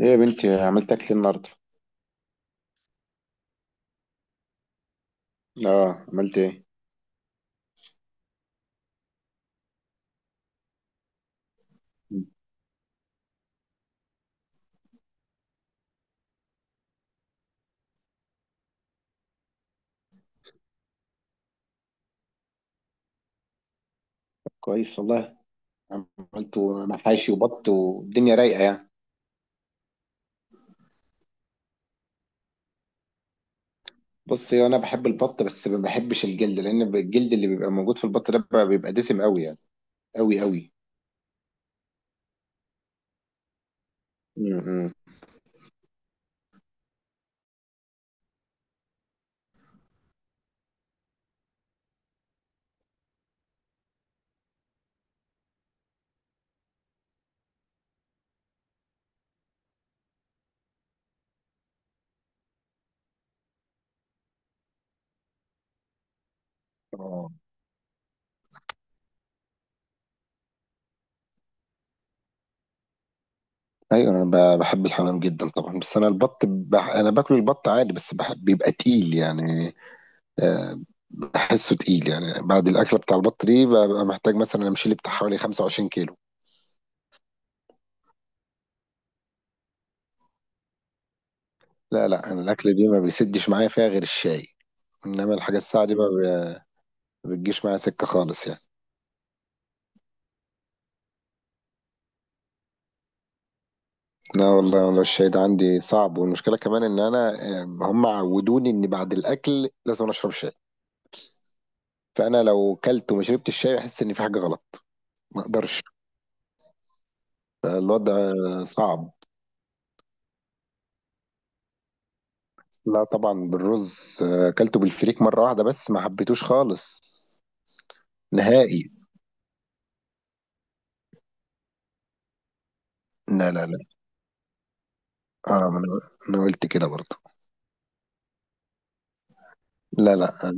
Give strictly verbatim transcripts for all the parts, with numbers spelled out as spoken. ايه يا بنتي عملت اكل النهارده. اه عملت ايه. كويس والله. عملت محاشي وبط والدنيا رايقه يعني. بص هو انا بحب البط بس ما بحبش الجلد لان الجلد اللي بيبقى موجود في البط ده بيبقى بيبقى دسم قوي يعني. قوي قوي. امم اه. ايوه انا ب- بحب الحمام جدا طبعا، بس انا البط بح... انا باكل البط عادي بس بحب بيبقى تقيل يعني. آه بحسه تقيل يعني، بعد الاكله بتاع البط دي ببقى محتاج مثلا امشي لي بتاع حوالي خمسة وعشرين كيلو. لا لا انا الاكله دي ما بيسدش معايا فيها غير الشاي، انما الحاجة الساعة دي ما ب- بتجيش معايا سكة خالص يعني. لا والله والله الشاي ده عندي صعب، والمشكلة كمان ان انا آم، هم عودوني ان بعد الاكل لازم أنا اشرب شاي. فانا لو كلت وما شربتش شاي احس ان في حاجة غلط، ما اقدرش. الوضع صعب. لا طبعا بالرز، آه، اكلته بالفريك مرة واحدة بس ما حبيتوش خالص، نهائي. لا لا لا. اه ما انا، أنا قلت كده برضه. لا لا آه،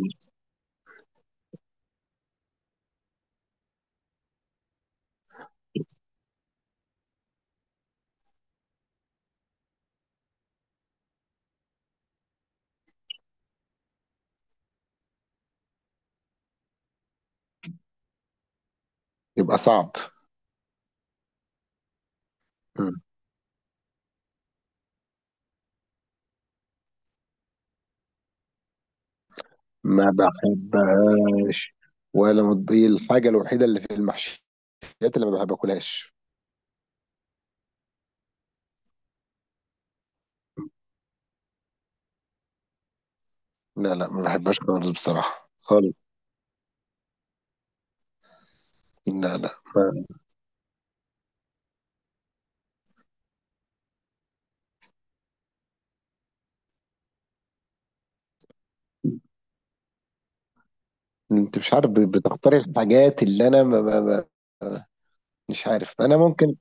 يبقى صعب. مم. ما بحب ولا مض- هي الحاجة الوحيدة اللي في المحشي، الحاجات اللي ما بحب اكلهاش. لا لا ما بحبهاش خالص بصراحة، خالص. لا لا ما. انت مش عارف، ب- بتختار الحاجات اللي انا ما ما ما مش عارف، انا ممكن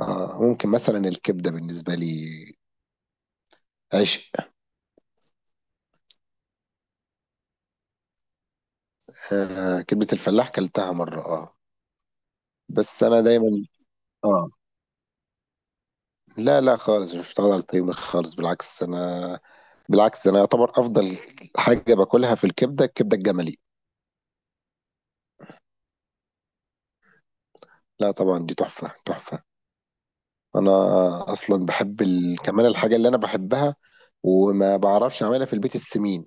آه، ممكن مثلا الكبدة بالنسبة لي عشق. آه كبدة الفلاح كلتها مرة، اه. بس انا دايما اه، لا لا خالص مش متعود على البيض خالص، بالعكس انا، بالعكس انا يعتبر افضل حاجة باكلها في الكبدة، الكبدة الجملي. لا طبعا دي تحفة تحفة. انا اصلا بحب ال... كمان الحاجه اللي انا بحبها وما بعرفش اعملها في البيت، السمين.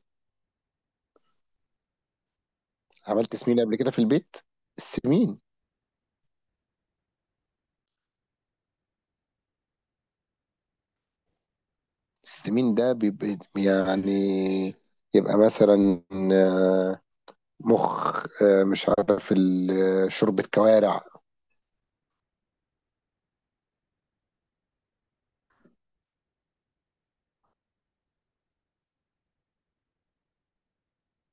عملت سمين قبل كده في البيت؟ السمين، السمين ده بيبقى يعني، يبقى مثلا آه، مخ، آه، مش عارف ال- آه، شوربة كوارع.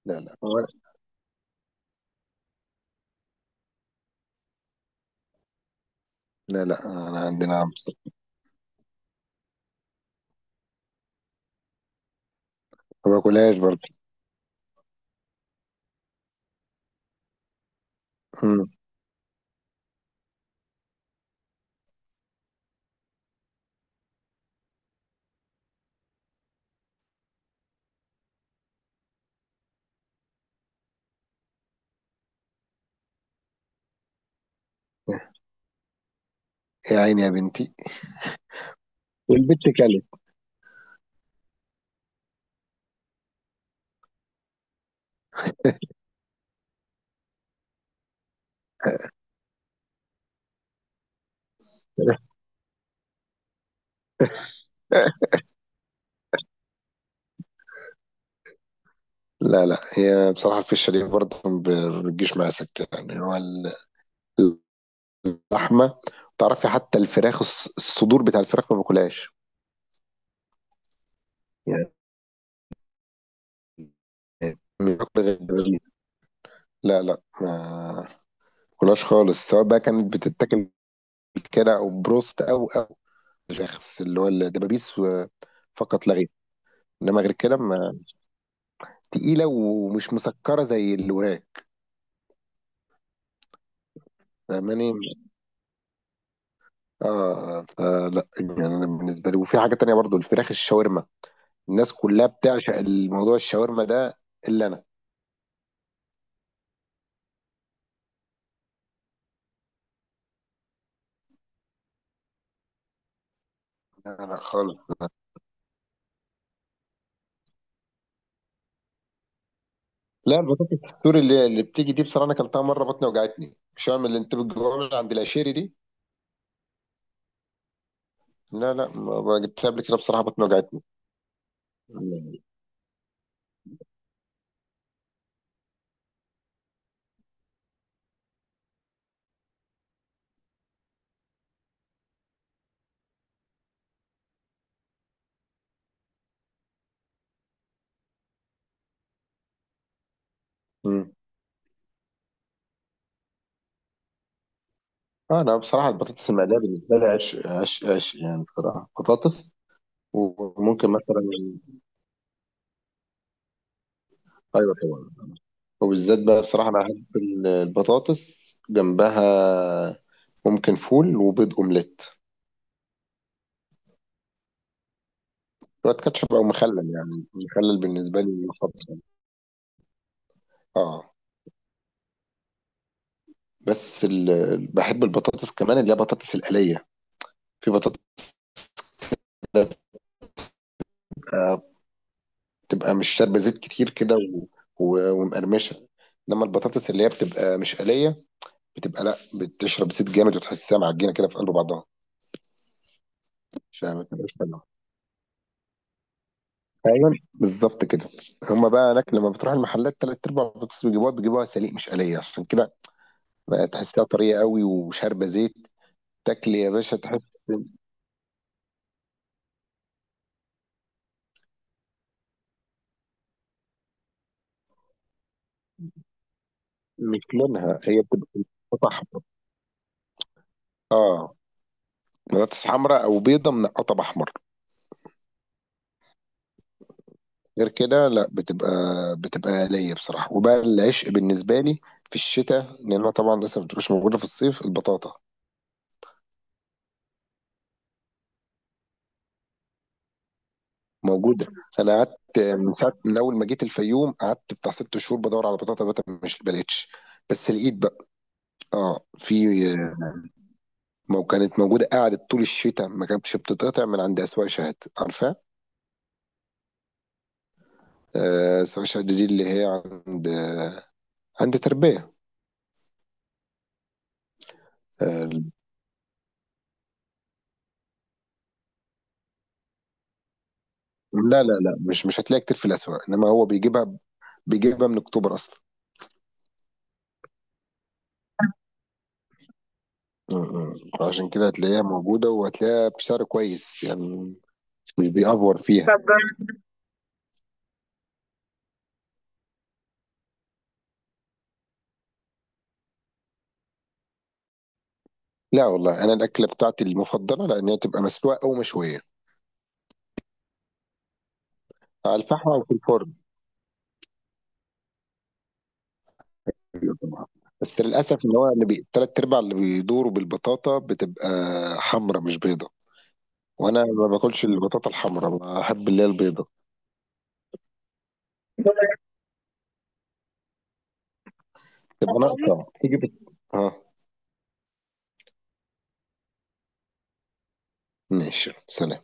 لا لا كوارع. لا لا انا عندنا عمس. ما باكلهاش برضه. مم. يا عيني يا بنتي. والبت كلت. لا لا هي بصراحة الفشة دي برضه ما بتجيش مع سكة يعني. هو اللحمه، تعرفي حتى الفراخ الص- الصدور بتاع الفراخ ما باكلهاش يعني، مش باكل غير الدبابيس. لا لا ما باكلهاش خالص، سواء بقى كانت بتتاكل كده او بروست او او الفراخ اللي هو الدبابيس و- فقط لا غير. انما غير كده ما، تقيله ومش مسكره زي الوراك. فاهماني؟ اه آه، آه، لا يعني انا بالنسبه لي، وفي حاجه تانية برضو الفراخ الشاورما، الناس كلها بتعشق الموضوع الشاورما ده، الا انا. لا لا خالص. لا البطاطس السوري اللي, اللي بتيجي دي بصراحه انا اكلتها مره بطني وجعتني، مش هعمل اللي انت بتجيبها من عند العشيري دي. لا لا ما ما جبتها قبل كده بصراحه بطني وجعتني. امم آه انا بصراحه البطاطس المقليه بالنسبه لي عش عش عش، يعني بصراحه بطاطس. وممكن مثلا، ايوه طبعا، وبالذات بقى بصراحه انا احب ال- البطاطس جنبها، ممكن فول وبيض اومليت. شويه كاتشب او مخلل، يعني مخلل بالنسبه لي مفضل. اه بس ال... بحب البطاطس كمان اللي هي بطاطس القليه. في بطاطس بتبقى مش شاربة زيت كتير كده و... و... ومقرمشة. انما البطاطس اللي هي بتبقى مش قلية بتبقى لا، بتشرب زيت جامد وتحسها معجنة كده في قلب بعضها. مش ما تبقاش سلمة. ايوه بالظبط كده. هما بقى هناك لما بتروح المحلات تلات ارباع البطاطس بيجيبوها بيجيبوها سليق مش قلية، عشان كده بقى تحسها طرية قوي وشاربة زيت، تاكل يا باشا تحس. مش لونها، هي بتبقى قطع احمر. اه بطاطس حمراء او بيضة منقطة باحمر. غير كده لا بتبقى، بتبقى آلية بصراحة. وبقى العشق بالنسبة لي في الشتاء، لأنها طبعا لسه ما بتبقاش موجودة في الصيف، البطاطا. موجودة. أنا قعدت من ساعة، من أول ما جيت الفيوم قعدت بتاع ست شهور بدور على بطاطا بقى مش بلاقيتش، بس لقيت بقى. اه في. مو كانت موجودة، قعدت طول الشتاء ما كانتش بتتقطع من عند أسواق شهد، عارفة؟ آه أسواق شهد دي اللي هي عند، عند تربية. آه. لا لا لا مش، مش هتلاقي كتير في الأسواق، إنما هو بيجيبها، بيجيبها من أكتوبر أصلا. م- م. عشان كده هتلاقيها موجودة وهتلاقيها بسعر كويس يعني، مش بيأفور فيها. طب لا والله أنا الأكلة بتاعتي المفضلة لأن هي تبقى مسلوقة أو مشوية على الفحم أو في الفرن. بس للأسف إن هو اللي بي... تلات أرباع اللي بيدوروا بالبطاطا بتبقى حمرا مش بيضة، وأنا ما باكلش البطاطا الحمرا، بحب اللي هي البيضة. تبقى هقول ناقصة تيجي بت... آه ماشي سلام.